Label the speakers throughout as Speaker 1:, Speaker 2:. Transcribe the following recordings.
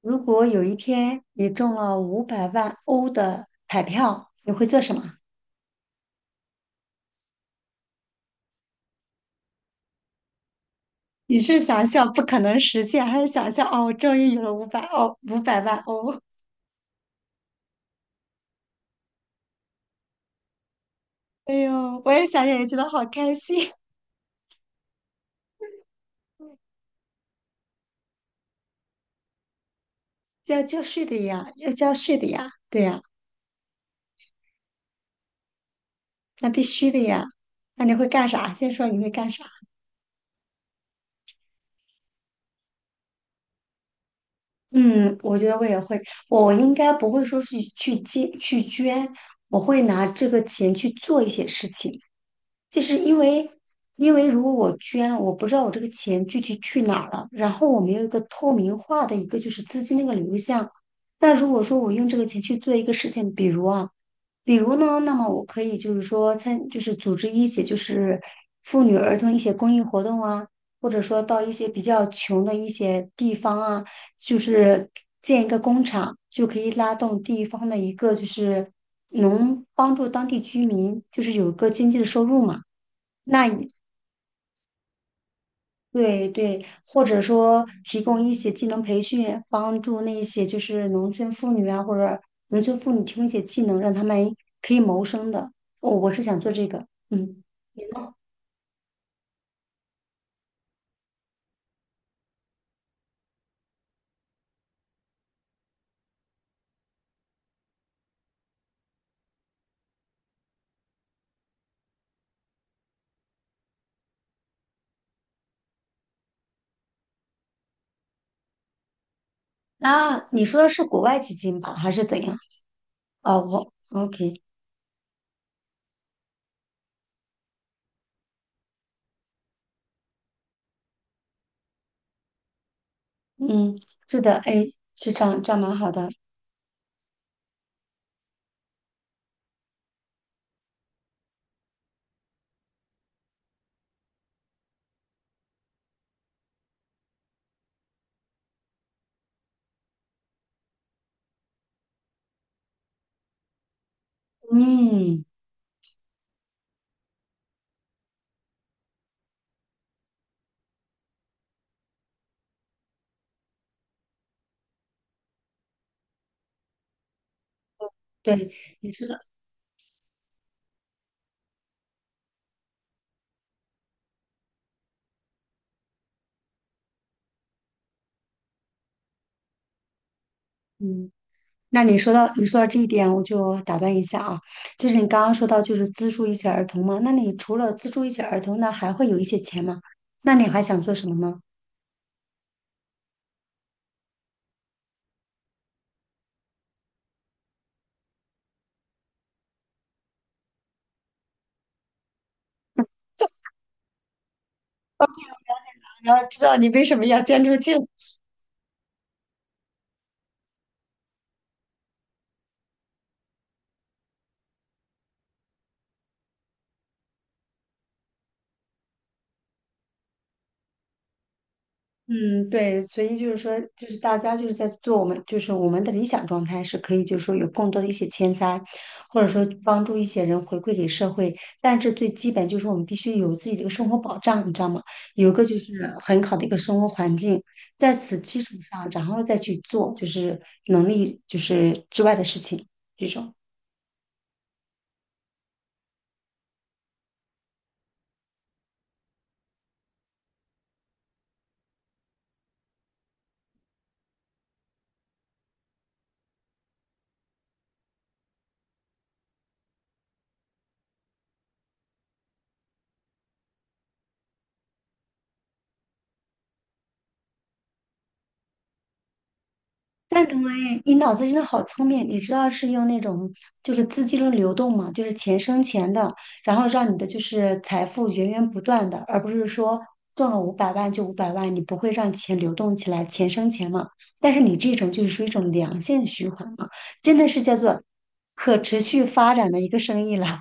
Speaker 1: 如果有一天你中了五百万欧的彩票，你会做什么？你是想象不可能实现，还是想象哦，终于有了500欧，五百万欧？哎呦，我也想想，也觉得好开心。就要交税的呀，要交税的呀，对呀，那必须的呀。那你会干啥？先说你会干啥？嗯，我觉得我也会，我应该不会说是去捐，我会拿这个钱去做一些事情。就是因为如果我捐了，我不知道我这个钱具体去哪儿了，然后我没有一个透明化的一个就是资金的一个流向。那如果说我用这个钱去做一个事情，比如啊，比如呢，那么我可以就是说就是组织一些就是妇女儿童一些公益活动啊，或者说到一些比较穷的一些地方啊，就是建一个工厂，就可以拉动地方的一个就是能帮助当地居民，就是有一个经济的收入嘛。那也对对，或者说提供一些技能培训，帮助那些就是农村妇女啊，或者农村妇女提供一些技能，让他们可以谋生的。我是想做这个，嗯。那你说的是国外基金吧，还是怎样？哦，我 OK，嗯，是的，哎，是这样，这样蛮好的，嗯，对，你说的，嗯。那你说到这一点，我就打断一下啊，就是你刚刚说到就是资助一些儿童嘛，那你除了资助一些儿童呢，那还会有一些钱吗？那你还想做什么吗？然要知道你为什么要捐出去？嗯，对，所以就是说，就是大家就是在做我们，就是我们的理想状态是可以，就是说有更多的一些钱财，或者说帮助一些人回馈给社会。但是最基本就是我们必须有自己的一个生活保障，你知道吗？有一个就是很好的一个生活环境，在此基础上，然后再去做就是能力就是之外的事情，这种。赞同哎，你脑子真的好聪明！你知道是用那种就是资金的流动嘛，就是钱生钱的，然后让你的就是财富源源不断的，而不是说中了五百万就五百万，你不会让钱流动起来，钱生钱嘛。但是你这种就是属于一种良性循环嘛，真的是叫做可持续发展的一个生意了。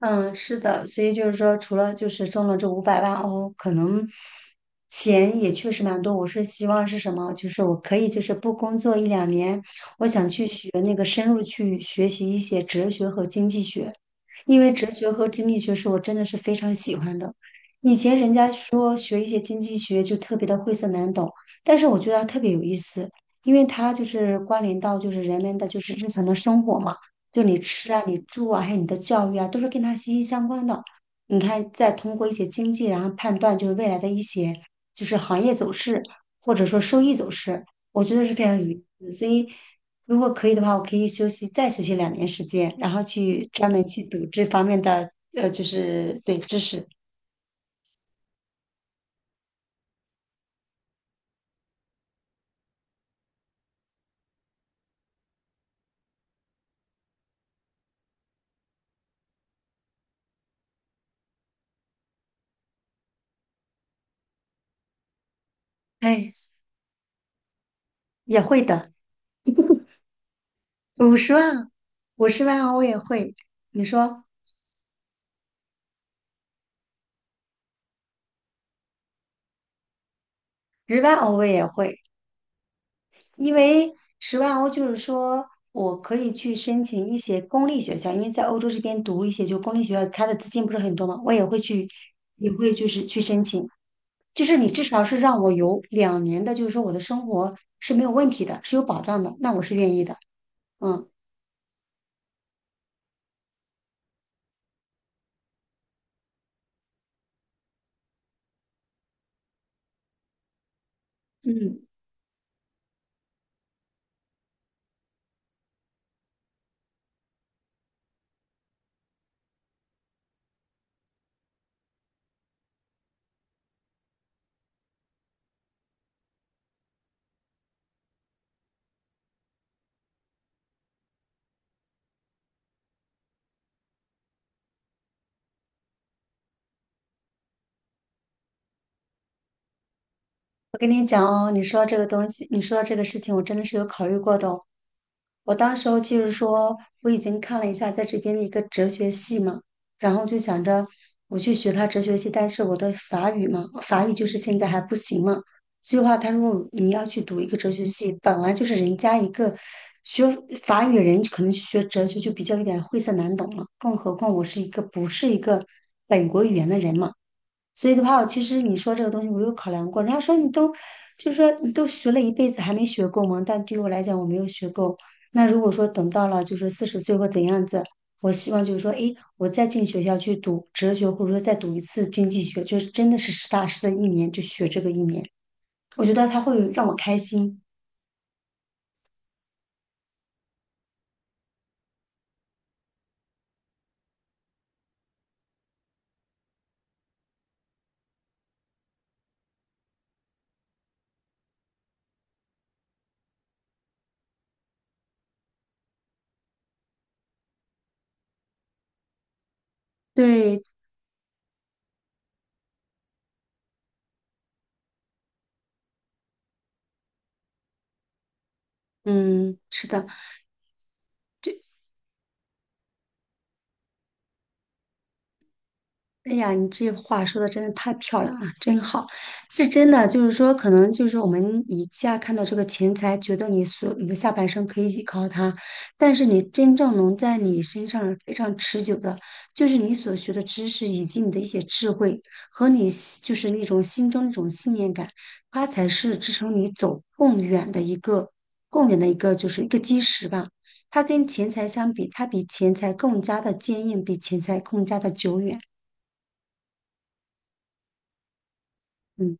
Speaker 1: 嗯，是的，所以就是说，除了就是中了这五百万哦，可能钱也确实蛮多。我是希望是什么？就是我可以就是不工作1-2年，我想去学那个深入去学习一些哲学和经济学，因为哲学和经济学是我真的是非常喜欢的。以前人家说学一些经济学就特别的晦涩难懂，但是我觉得它特别有意思，因为它就是关联到就是人们的就是日常的生活嘛。就你吃啊、你住啊，还有你的教育啊，都是跟它息息相关的。你看，再通过一些经济，然后判断就是未来的一些就是行业走势，或者说收益走势，我觉得是非常有意思。所以，如果可以的话，我可以休息再休息2年时间，然后去专门去读这方面的就是对知识。哎，也会的，五十万，50万欧我也会。你说十万欧我也会，因为十万欧就是说我可以去申请一些公立学校，因为在欧洲这边读一些就公立学校，它的资金不是很多嘛，我也会去，也会就是去申请。就是你至少是让我有两年的，就是说我的生活是没有问题的，是有保障的，那我是愿意的。嗯嗯。我跟你讲哦，你说到这个东西，你说到这个事情，我真的是有考虑过的哦。我当时候就是说，我已经看了一下在这边的一个哲学系嘛，然后就想着我去学他哲学系，但是我的法语嘛，法语就是现在还不行嘛。所以话，他说你要去读一个哲学系，本来就是人家一个学法语的人，可能去学哲学就比较有点晦涩难懂了，更何况我是一个不是一个本国语言的人嘛。所以的话，其实你说这个东西，我有考量过。人家说你都，就是说你都学了一辈子还没学够吗？但对于我来讲，我没有学够。那如果说等到了就是40岁或怎样子，我希望就是说，诶，我再进学校去读哲学，或者说再读一次经济学，就是真的是实打实的一年就学这个一年，我觉得他会让我开心。对，嗯，是的。哎呀，你这话说的真的太漂亮了，真好，是真的。就是说，可能就是我们以下看到这个钱财，觉得你所你的下半生可以依靠它，但是你真正能在你身上非常持久的，就是你所学的知识以及你的一些智慧和你心就是那种心中那种信念感，它才是支撑你走更远的一个就是一个基石吧。它跟钱财相比，它比钱财更加的坚硬，比钱财更加的久远。嗯。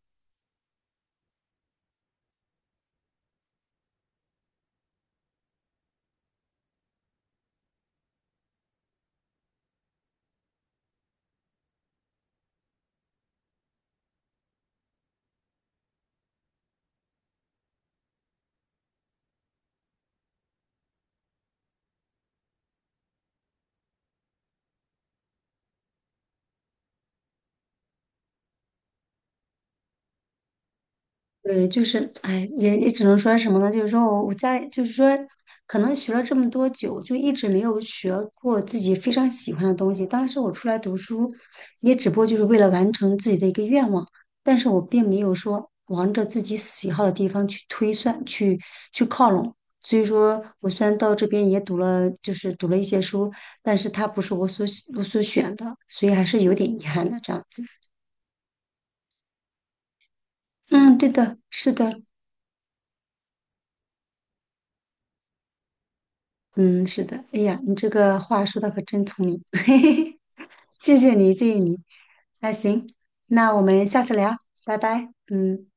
Speaker 1: 对，就是，哎，也只能说什么呢？就是说我家里，就是说，可能学了这么多久，就一直没有学过自己非常喜欢的东西。当时我出来读书，也只不过就是为了完成自己的一个愿望，但是我并没有说往着自己喜好的地方去推算、去靠拢。所以说，我虽然到这边也读了，就是读了一些书，但是它不是我所选的，所以还是有点遗憾的这样子。嗯，对的，是的。嗯，是的。哎呀，你这个话说的可真聪明，嘿嘿嘿，谢谢你，谢谢你。那行，那我们下次聊，拜拜。嗯。